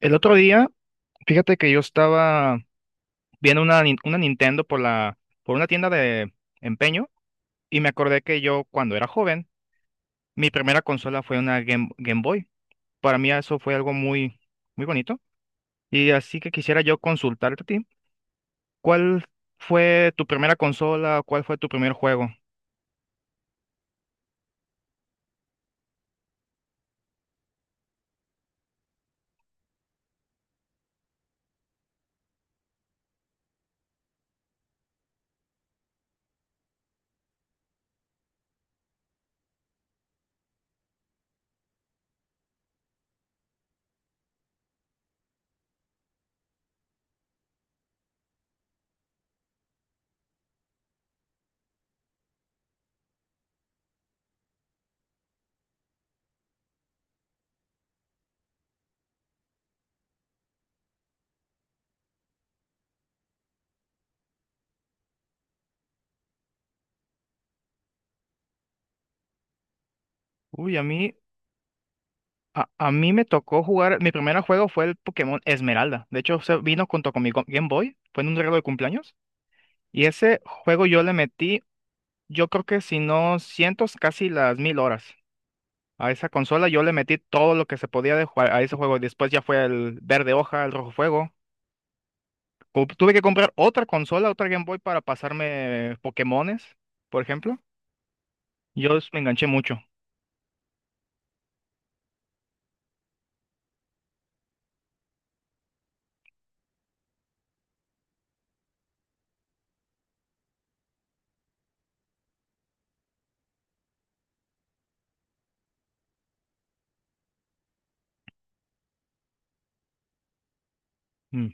El otro día, fíjate que yo estaba viendo una Nintendo por una tienda de empeño, y me acordé que yo, cuando era joven, mi primera consola fue una Game Boy. Para mí eso fue algo muy, muy bonito. Y así que quisiera yo consultarte a ti, ¿cuál fue tu primera consola? ¿Cuál fue tu primer juego? Uy, a mí me tocó jugar, mi primer juego fue el Pokémon Esmeralda. De hecho, se vino junto con mi Game Boy, fue en un regalo de cumpleaños. Y ese juego yo le metí Yo creo que, si no cientos, casi las 1000 horas. A esa consola yo le metí todo lo que se podía de jugar a ese juego. Después ya fue el verde hoja, el rojo fuego. Tuve que comprar otra consola, otra Game Boy para pasarme Pokémones, por ejemplo. Yo me enganché mucho. Mm.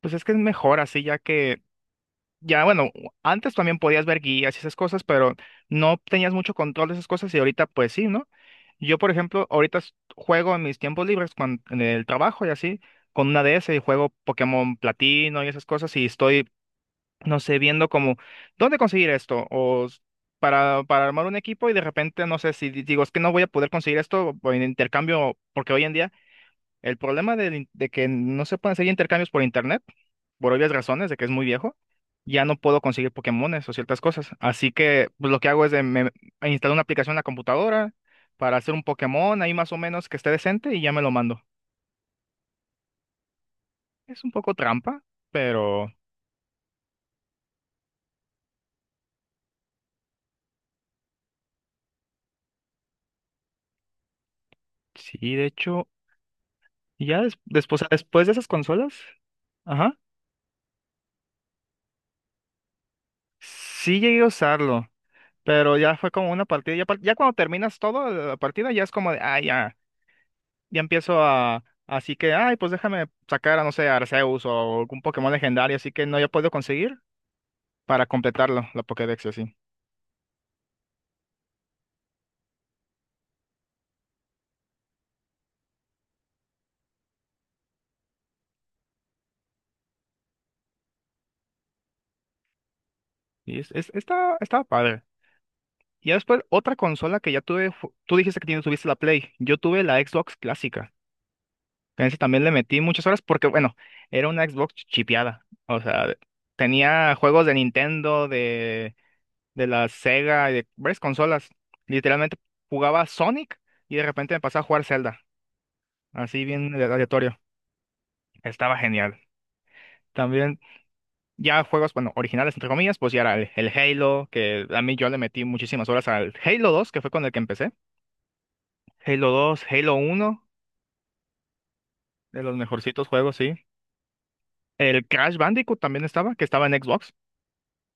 Pues es que es mejor así. Ya, bueno, antes también podías ver guías y esas cosas, pero no tenías mucho control de esas cosas, y ahorita pues sí, ¿no? Yo, por ejemplo, ahorita juego en mis tiempos libres, en el trabajo y así, con una DS, y juego Pokémon Platino y esas cosas, y estoy, no sé, viendo como, ¿dónde conseguir esto? Para armar un equipo y, de repente, no sé si digo, es que no voy a poder conseguir esto, o en intercambio, porque hoy en día el problema del de, que no se pueden hacer intercambios por internet, por obvias razones, de que es muy viejo, ya no puedo conseguir Pokémones o ciertas cosas. Así que pues, lo que hago es de, me instalo una aplicación en la computadora para hacer un Pokémon ahí más o menos que esté decente, y ya me lo mando. Es un poco trampa, pero sí, de hecho. Ya después de esas consolas, ajá, sí llegué a usarlo, pero ya fue como una partida. Ya cuando terminas todo la partida, ya es como de, ah, ya. Ya empiezo a, así que, ay, pues déjame sacar a, no sé, a Arceus o algún Pokémon legendario, así que no, ya puedo conseguir para completarlo, la Pokédex y así. Y estaba padre. Y ya después, otra consola que ya tuve, tú dijiste que tienes, tuviste la Play; yo tuve la Xbox clásica. En ese también le metí muchas horas porque, bueno, era una Xbox chipeada. O sea, tenía juegos de Nintendo, de la Sega y de varias consolas. Literalmente jugaba Sonic y de repente me pasaba a jugar Zelda, así bien aleatorio. Estaba genial. También ya juegos, bueno, originales entre comillas, pues ya era el Halo, que a mí yo le metí muchísimas horas al Halo 2, que fue con el que empecé. Halo 2, Halo 1, de los mejorcitos juegos, sí. El Crash Bandicoot también estaba, que estaba en Xbox.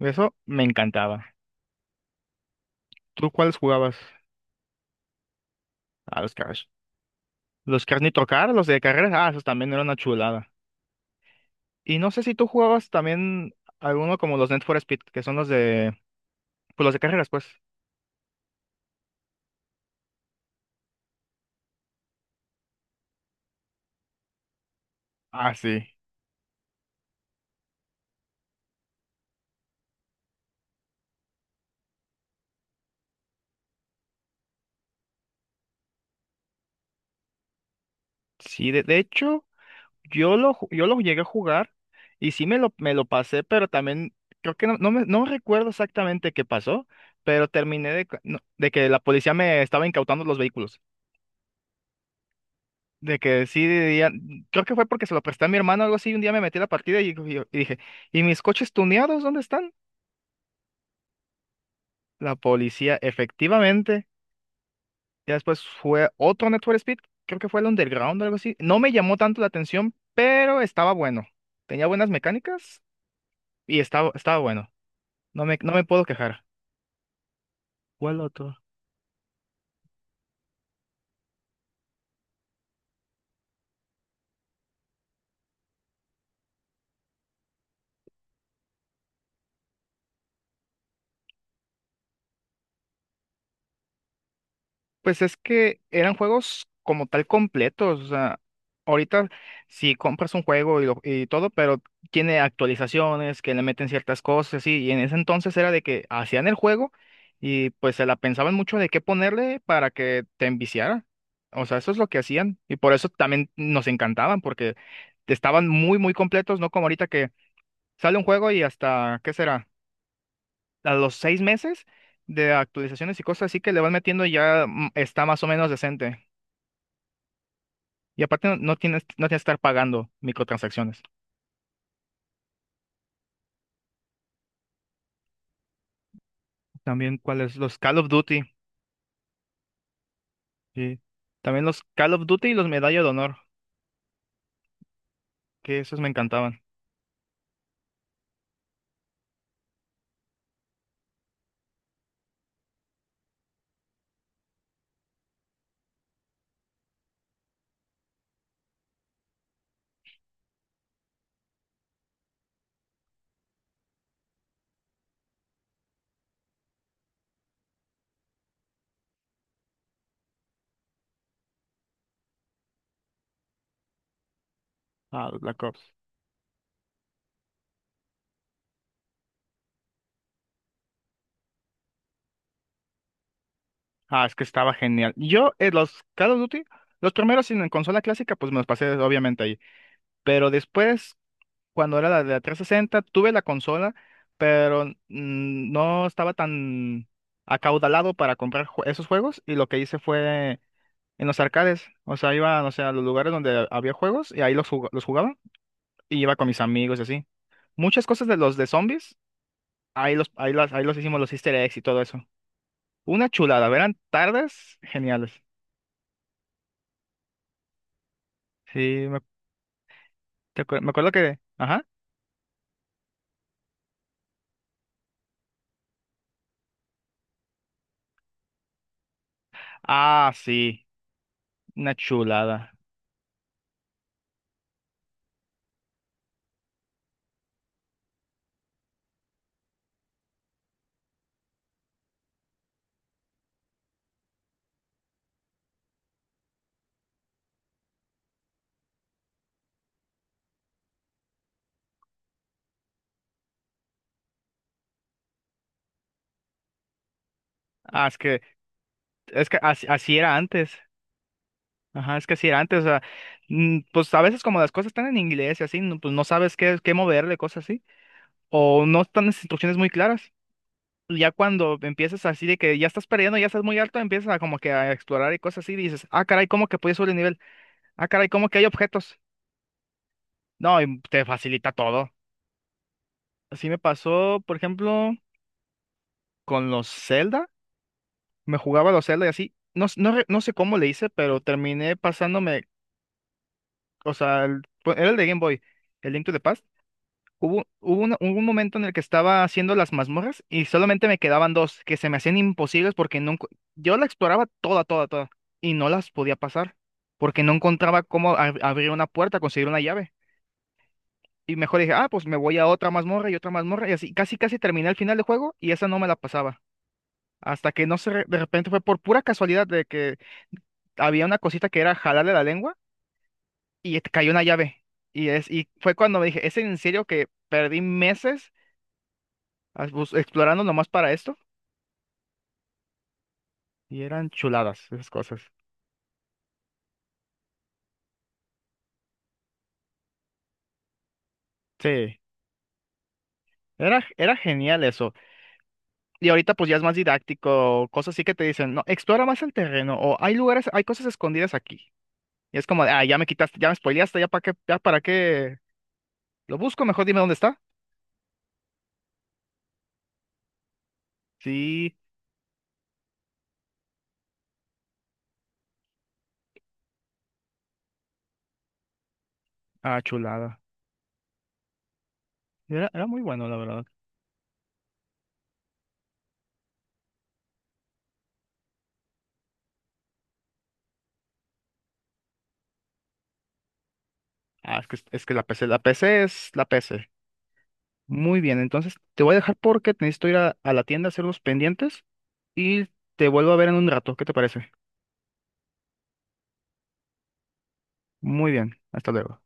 Eso me encantaba. ¿Tú cuáles jugabas a los Crash? Los Crash Nitro Car, los de carreras, ah, esos también eran una chulada. Y no sé si tú jugabas también alguno como los Need for Speed, que son pues los de carreras, pues. Ah, sí. Sí, de hecho. Yo lo llegué a jugar, y sí me lo pasé, pero también creo que no recuerdo exactamente qué pasó, pero terminé, no, de que la policía me estaba incautando los vehículos. De que sí, creo que fue porque se lo presté a mi hermano o algo así. Un día me metí a la partida y dije, ¿y mis coches tuneados dónde están? La policía, efectivamente. Ya después fue otro Network Speed, creo que fue el Underground o algo así. No me llamó tanto la atención, pero estaba bueno. Tenía buenas mecánicas y estaba bueno. No me puedo quejar. ¿Cuál otro? Pues es que eran juegos como tal completos. O sea, ahorita si compras un juego y todo, pero tiene actualizaciones que le meten ciertas cosas, sí, y en ese entonces era de que hacían el juego y pues se la pensaban mucho de qué ponerle para que te enviciara. O sea, eso es lo que hacían, y por eso también nos encantaban, porque estaban muy, muy completos, no como ahorita que sale un juego y hasta, ¿qué será? A los 6 meses de actualizaciones y cosas así que le vas metiendo ya, está más o menos decente. Y aparte no tienes que estar pagando microtransacciones. También cuáles, los Call of Duty. Sí. También los Call of Duty y los Medalla de Honor, que esos me encantaban. Ah, los Black Ops. Ah, es que estaba genial. Yo, los Call of Duty, los primeros en consola clásica, pues me los pasé obviamente ahí. Pero después, cuando era la de la 360, tuve la consola, pero no estaba tan acaudalado para comprar esos juegos, y lo que hice fue en los arcades, o sea, iba, no sé, a los lugares donde había juegos y ahí los jugaba y iba con mis amigos y así. Muchas cosas de los de zombies, ahí los hicimos los easter eggs y todo eso. Una chulada, eran tardes geniales. Sí, me acuerdo que... Ajá. Ah, sí, una chulada. Ah, es que así así era antes. Ajá, es que sí, antes, o sea, pues a veces, como las cosas están en inglés y así, pues no sabes qué moverle, cosas así, o no están las instrucciones muy claras. Y ya cuando empiezas así, de que ya estás perdiendo, ya estás muy alto, empiezas a como que a explorar y cosas así, y dices, ah, caray, ¿cómo que pude subir el nivel? Ah, caray, ¿cómo que hay objetos? No, y te facilita todo. Así me pasó, por ejemplo, con los Zelda. Me jugaba los Zelda y así, no sé cómo le hice, pero terminé pasándome, o sea, era el de Game Boy, el Link to the Past. Hubo un momento en el que estaba haciendo las mazmorras y solamente me quedaban dos que se me hacían imposibles, porque no, yo la exploraba toda, toda, toda, y no las podía pasar porque no encontraba cómo abrir una puerta, conseguir una llave. Y mejor dije, ah, pues me voy a otra mazmorra y otra mazmorra, y así casi, casi terminé el final del juego y esa no me la pasaba. Hasta que, no sé, de repente fue por pura casualidad de que había una cosita que era jalarle la lengua y te cayó una llave. Y fue cuando me dije, ¿es en serio que perdí meses explorando nomás para esto? Y eran chuladas esas cosas. Sí, era genial eso. Y ahorita pues ya es más didáctico, cosas así que te dicen, no, explora más el terreno, o hay lugares, hay cosas escondidas aquí. Y es como, de, ah, ya me quitaste, ya me spoileaste, ya para qué lo busco, mejor dime dónde está. Sí, ah, chulada. Era muy bueno, la verdad. Ah, es que la PC, la PC es la PC. Muy bien, entonces te voy a dejar, porque necesito ir a la tienda a hacer unos pendientes y te vuelvo a ver en un rato. ¿Qué te parece? Muy bien, hasta luego.